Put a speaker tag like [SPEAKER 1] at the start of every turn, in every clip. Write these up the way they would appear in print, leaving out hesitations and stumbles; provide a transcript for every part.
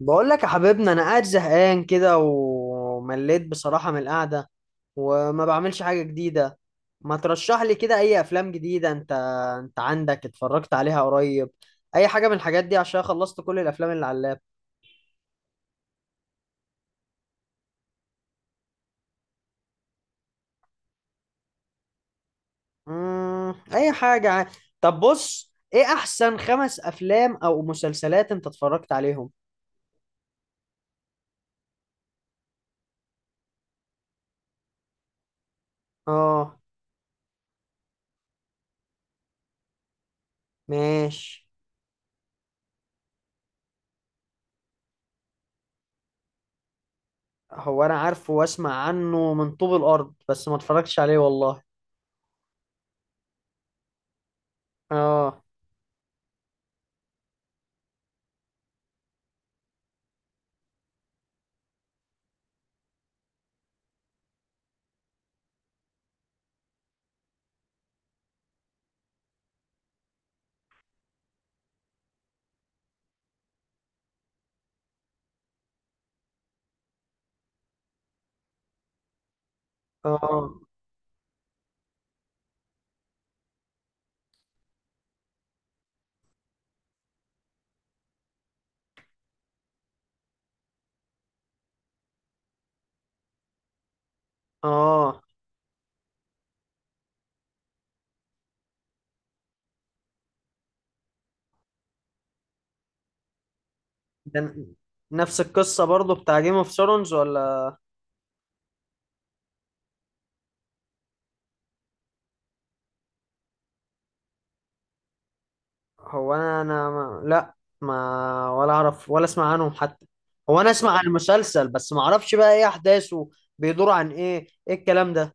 [SPEAKER 1] بقول لك يا حبيبنا، انا قاعد زهقان كده ومليت بصراحة من القعدة وما بعملش حاجة جديدة. ما ترشح لي كده اي افلام جديدة انت؟ انت عندك اتفرجت عليها قريب اي حاجة من الحاجات دي، عشان خلصت كل الافلام اللي على اللاب. اي حاجة طب بص، ايه احسن خمس افلام او مسلسلات انت اتفرجت عليهم؟ اه. ماشي. هو انا عارفه واسمع عنه من طوب الارض، بس ما اتفرجتش عليه والله. اه. اه. اه. ده نفس القصة برضو بتاع جيم اوف ثرونز ولا؟ هو انا ما... لا، ما ولا اعرف ولا اسمع عنهم حتى. هو انا اسمع عن المسلسل، بس ما اعرفش بقى ايه احداثه. بيدور عن ايه، ايه الكلام ده؟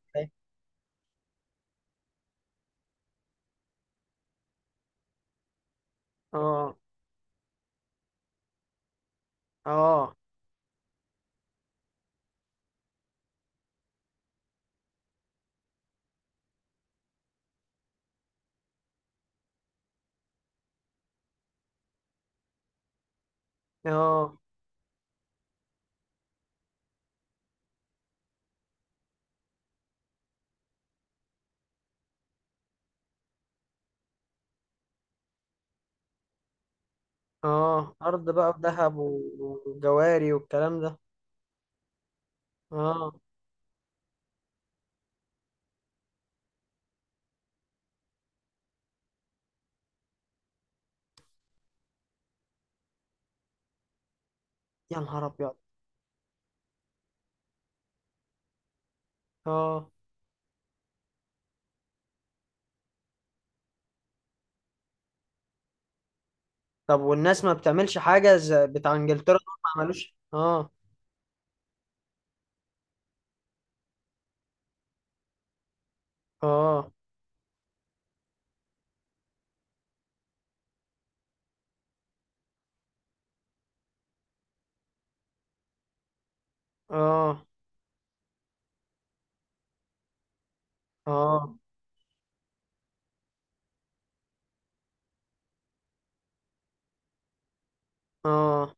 [SPEAKER 1] اه. اه. اه. اه ارض بقى بذهب وجواري والكلام ده. اه. يا نهار ابيض. اه. طب والناس ما بتعملش حاجة زي بتاع انجلترا دول؟ ما عملوش، اه. اه. اه. اه. اه.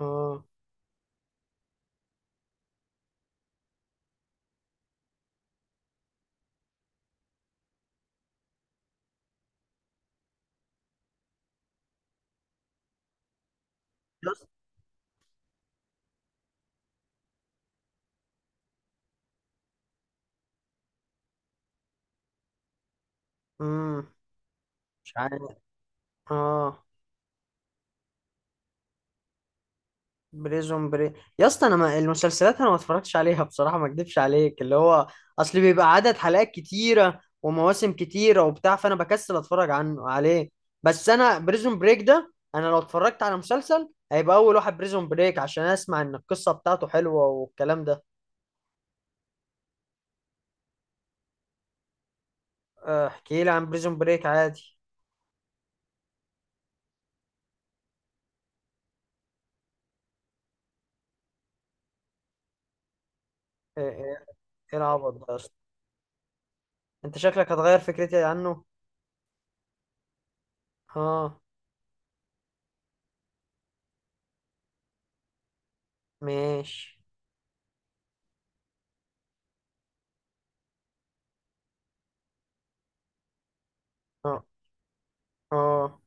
[SPEAKER 1] اه. امم. مش عارف. اه. بريزون بري، يا اسطى انا ما المسلسلات، انا ما اتفرجتش عليها بصراحه، ما اكدبش عليك، اللي هو اصل بيبقى عدد حلقات كتيره ومواسم كتيره وبتاع، فانا بكسل اتفرج عليه. بس انا بريزون بريك ده، انا لو اتفرجت على مسلسل هيبقى اول واحد بريزون بريك، عشان اسمع ان القصه بتاعته حلوه والكلام ده. آه، احكي لي عن بريزون بريك عادي. ايه، إيه العبط ده يا اسطى؟ انت شكلك هتغير فكرتي عنه. اه. ماشي. اه. اه.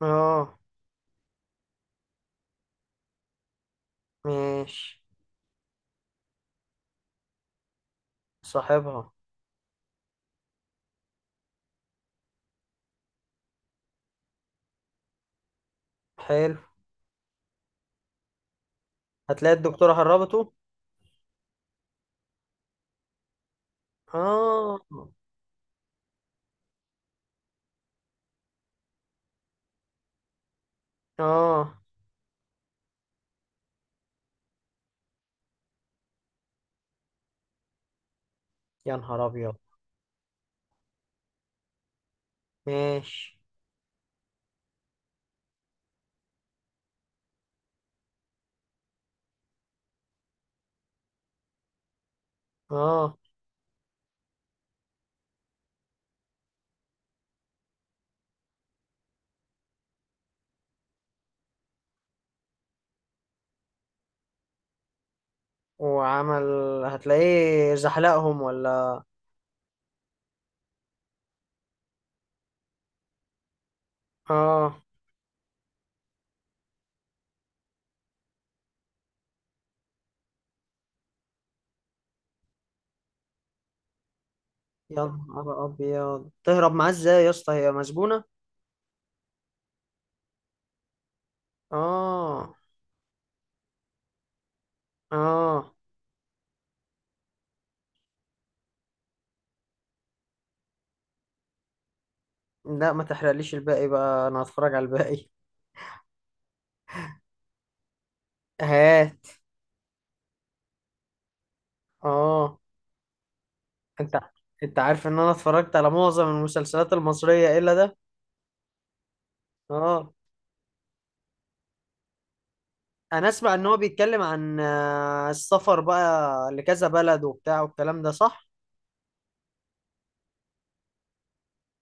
[SPEAKER 1] اه. ماشي. صاحبها. حلو. هتلاقي الدكتورة هربته. اه. اه. يا نهار ابيض. ماشي. اه. وعمل، هتلاقيه زحلقهم ولا؟ اه. يا نهار ابيض، تهرب معاه ازاي يا اسطى، هي مسجونة؟ اه. اه. لا ما تحرقليش الباقي بقى، انا هتفرج على الباقي. هات. اه. انت انت عارف ان انا اتفرجت على معظم المسلسلات المصرية الا ده. اه. انا اسمع ان هو بيتكلم عن السفر بقى لكذا بلد وبتاع والكلام ده، صح؟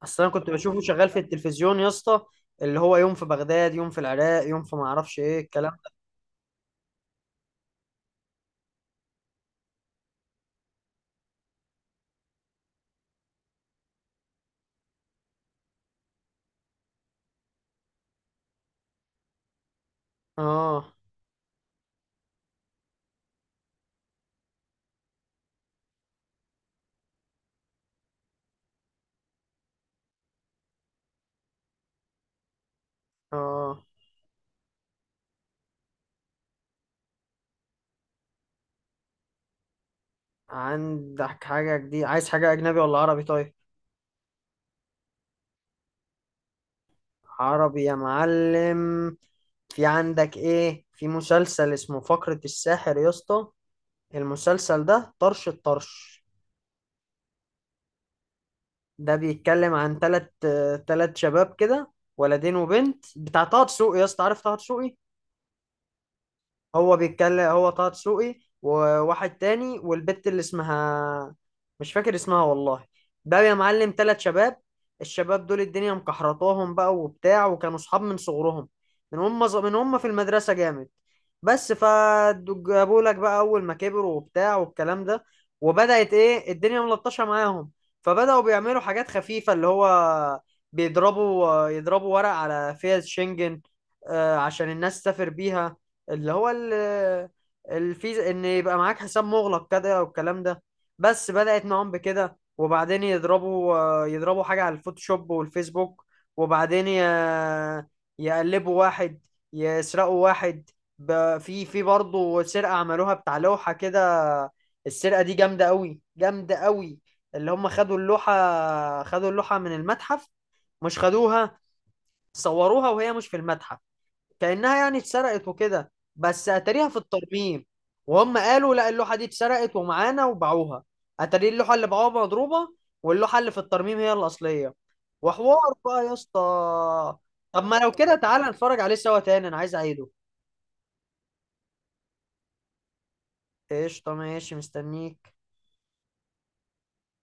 [SPEAKER 1] اصل انا كنت بشوفه شغال في التلفزيون يا اسطى، اللي هو يوم في بغداد، يوم في العراق، يوم في ما اعرفش ايه الكلام ده. اه. اه. عندك حاجة جديدة؟ عايز حاجة اجنبي ولا عربي؟ طيب، عربي يا معلم. في عندك ايه، في مسلسل اسمه فقرة الساحر يا اسطى، المسلسل ده طرش الطرش. ده بيتكلم عن تلت شباب كده، ولدين وبنت بتاع طه دسوقي، يا اسطى عارف طه دسوقي؟ هو بيتكلم، هو طه دسوقي وواحد تاني والبت اللي اسمها، مش فاكر اسمها والله. بقى يا معلم تلات شباب، الشباب دول الدنيا مكحرطاهم بقى وبتاع، وكانوا صحاب من صغرهم، من هم في المدرسة جامد. بس فجابوا لك بقى أول ما كبروا وبتاع والكلام ده، وبدأت إيه، الدنيا ملطشة معاهم. فبدأوا بيعملوا حاجات خفيفة، اللي هو بيضربوا يضربوا ورق على فيز شنجن، عشان الناس تسافر بيها، اللي هو الفيزا ان يبقى معاك حساب مغلق كده والكلام ده. بس بدأت معاهم بكده، وبعدين يضربوا حاجة على الفوتوشوب والفيسبوك. وبعدين يقلبوا واحد، يسرقوا واحد. في في برضه سرقة عملوها بتاع لوحة كده. السرقة دي جامدة قوي، جامدة قوي. اللي هم خدوا اللوحة، خدوا اللوحة من المتحف. مش خدوها، صوروها وهي مش في المتحف، كأنها يعني اتسرقت وكده، بس اتاريها في الترميم. وهم قالوا لا، اللوحة دي اتسرقت ومعانا، وباعوها. اتاري اللوحة اللي باعوها مضروبة، واللوحة اللي في الترميم هي الأصلية. وحوار بقى يا اسطى. طب ما لو كده تعالى نتفرج عليه سوا تاني، انا عايز اعيده. قشطة، ماشي، مستنيك.